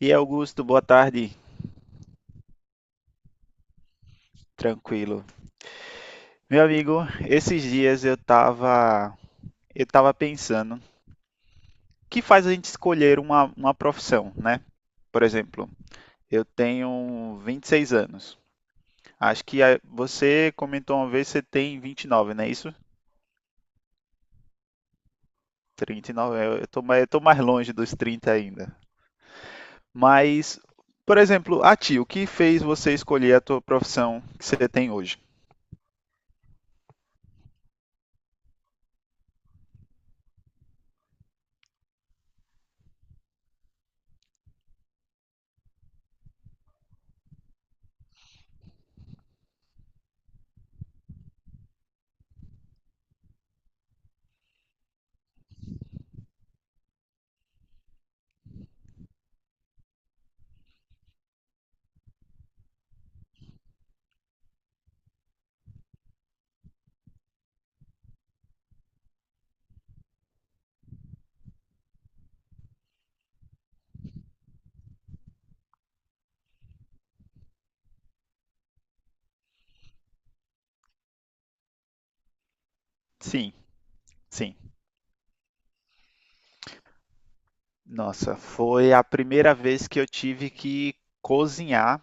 E Augusto, boa tarde. Tranquilo. Meu amigo, esses dias eu tava pensando, o que faz a gente escolher uma profissão, né? Por exemplo, eu tenho 26 anos. Acho que você comentou uma vez que você tem 29, não é isso? 39, eu tô mais longe dos 30 ainda. Mas, por exemplo, a ti, o que fez você escolher a tua profissão que você tem hoje? Sim, sim. Nossa, foi a primeira vez que eu tive que cozinhar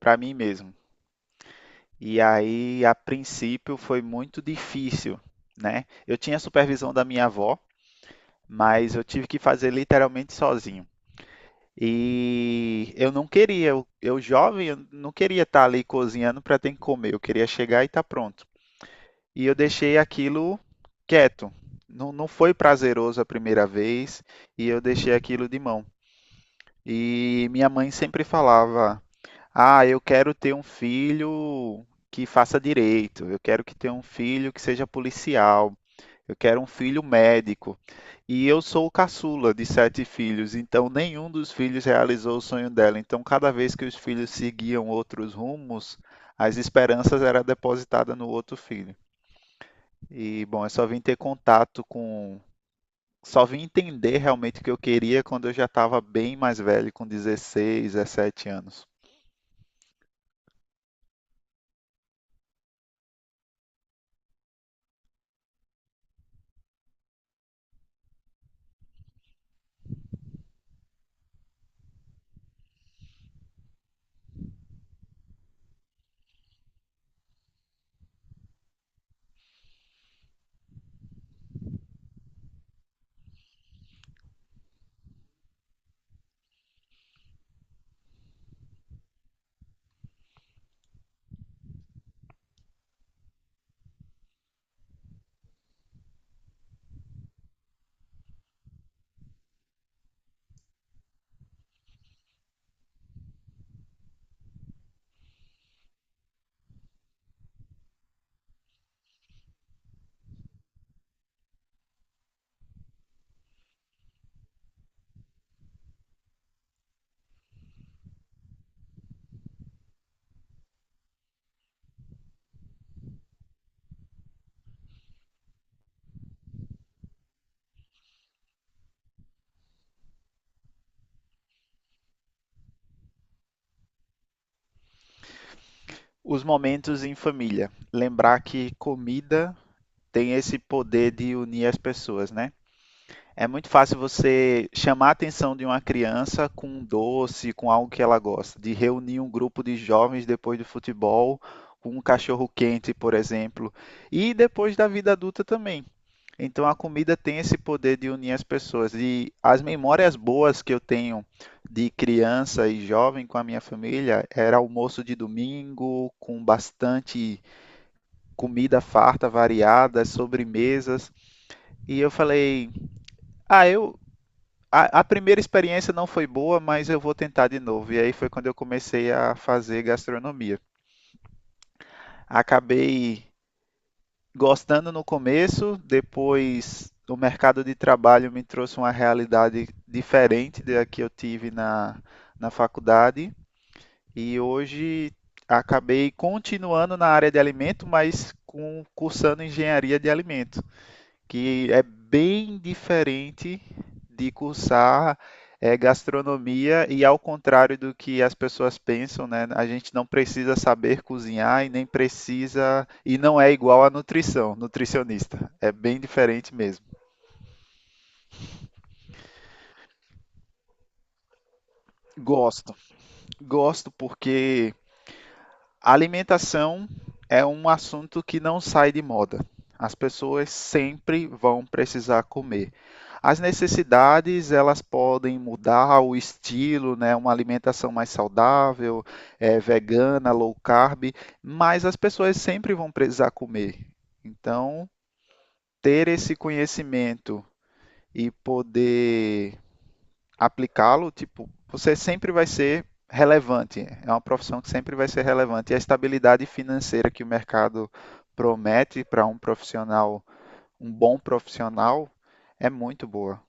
para mim mesmo. E aí, a princípio, foi muito difícil, né? Eu tinha a supervisão da minha avó, mas eu tive que fazer literalmente sozinho. E eu não queria, eu jovem, eu não queria estar ali cozinhando para ter que comer, eu queria chegar e estar pronto. E eu deixei aquilo quieto. Não, não foi prazeroso a primeira vez e eu deixei aquilo de mão. E minha mãe sempre falava. Ah, eu quero ter um filho que faça direito, eu quero que tenha um filho que seja policial, eu quero um filho médico. E eu sou o caçula de sete filhos, então nenhum dos filhos realizou o sonho dela. Então, cada vez que os filhos seguiam outros rumos, as esperanças eram depositadas no outro filho. E, bom, eu só vim ter contato com. Só vim entender realmente o que eu queria quando eu já estava bem mais velho, com 16, 17 anos. Os momentos em família. Lembrar que comida tem esse poder de unir as pessoas, né? É muito fácil você chamar a atenção de uma criança com um doce, com algo que ela gosta, de reunir um grupo de jovens depois do futebol, com um cachorro quente, por exemplo, e depois da vida adulta também. Então a comida tem esse poder de unir as pessoas. E as memórias boas que eu tenho de criança e jovem com a minha família era almoço de domingo, com bastante comida farta, variada, sobremesas. E eu falei: "Ah, eu a primeira experiência não foi boa, mas eu vou tentar de novo". E aí foi quando eu comecei a fazer gastronomia. Acabei gostando no começo, depois o mercado de trabalho me trouxe uma realidade diferente da que eu tive na faculdade. E hoje acabei continuando na área de alimento, mas cursando engenharia de alimento que é bem diferente de cursar gastronomia e ao contrário do que as pessoas pensam, né? A gente não precisa saber cozinhar e nem precisa e não é igual à nutrição, nutricionista. É bem diferente mesmo. Gosto, gosto porque a alimentação é um assunto que não sai de moda. As pessoas sempre vão precisar comer. As necessidades, elas podem mudar o estilo, né? Uma alimentação mais saudável, vegana, low carb, mas as pessoas sempre vão precisar comer. Então, ter esse conhecimento e poder aplicá-lo, tipo, você sempre vai ser relevante. É uma profissão que sempre vai ser relevante. E a estabilidade financeira que o mercado promete para um profissional, um bom profissional, é muito boa.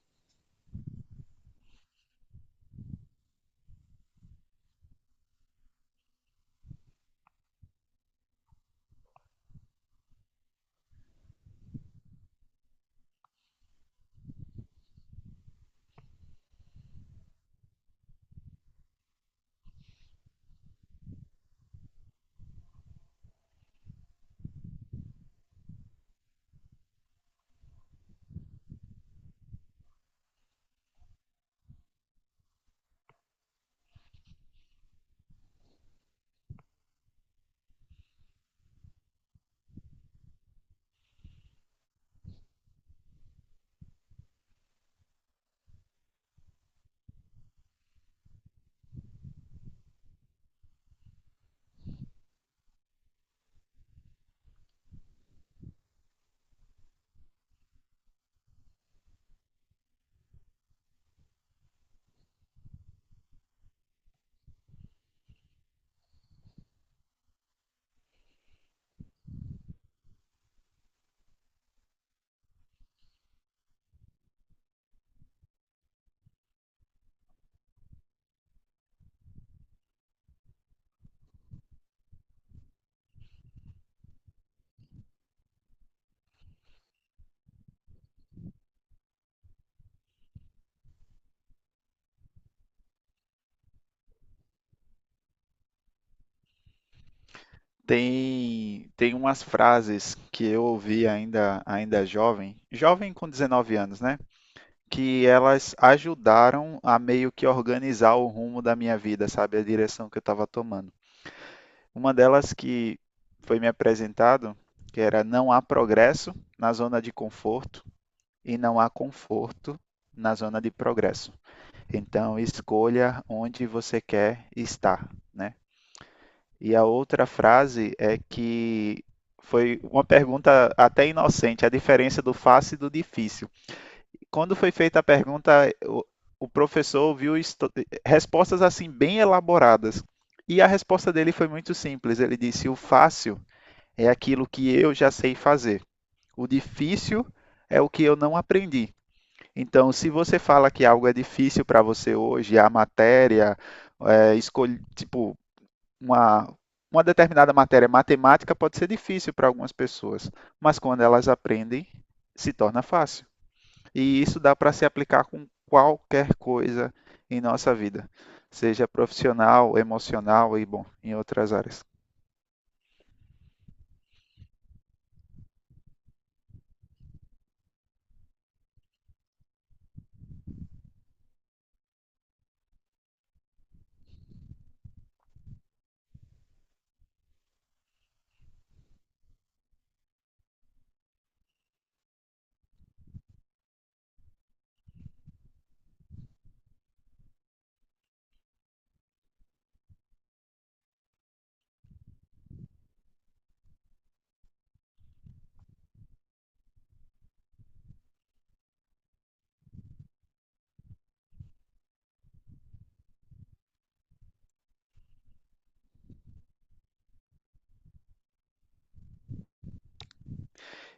Tem umas frases que eu ouvi ainda jovem, jovem com 19 anos, né? Que elas ajudaram a meio que organizar o rumo da minha vida, sabe? A direção que eu estava tomando. Uma delas que foi me apresentado, que era não há progresso na zona de conforto e não há conforto na zona de progresso. Então, escolha onde você quer estar, né? E a outra frase é que foi uma pergunta até inocente, a diferença do fácil e do difícil. Quando foi feita a pergunta, o, o professor viu respostas assim bem elaboradas. E a resposta dele foi muito simples. Ele disse: "O fácil é aquilo que eu já sei fazer. O difícil é o que eu não aprendi. Então, se você fala que algo é difícil para você hoje, a matéria, é, escolhe, tipo, uma, uma determinada matéria matemática pode ser difícil para algumas pessoas, mas quando elas aprendem, se torna fácil. E isso dá para se aplicar com qualquer coisa em nossa vida, seja profissional, emocional e, bom, em outras áreas.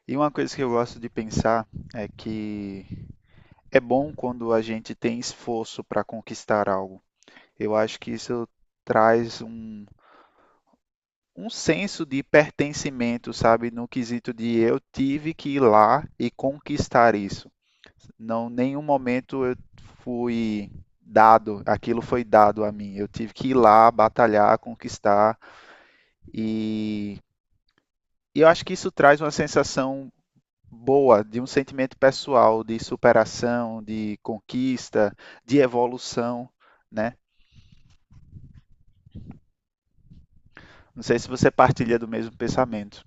E uma coisa que eu gosto de pensar é que é bom quando a gente tem esforço para conquistar algo. Eu acho que isso traz um senso de pertencimento, sabe? No quesito de eu tive que ir lá e conquistar isso. Não, nenhum momento eu fui dado, aquilo foi dado a mim. Eu tive que ir lá, batalhar, conquistar e, e eu acho que isso traz uma sensação boa, de um sentimento pessoal de superação, de conquista, de evolução, né? Não sei se você partilha do mesmo pensamento.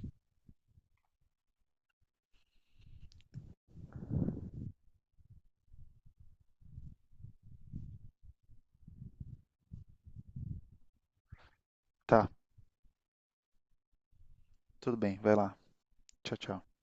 Tá, tudo bem, vai lá. Tchau, tchau.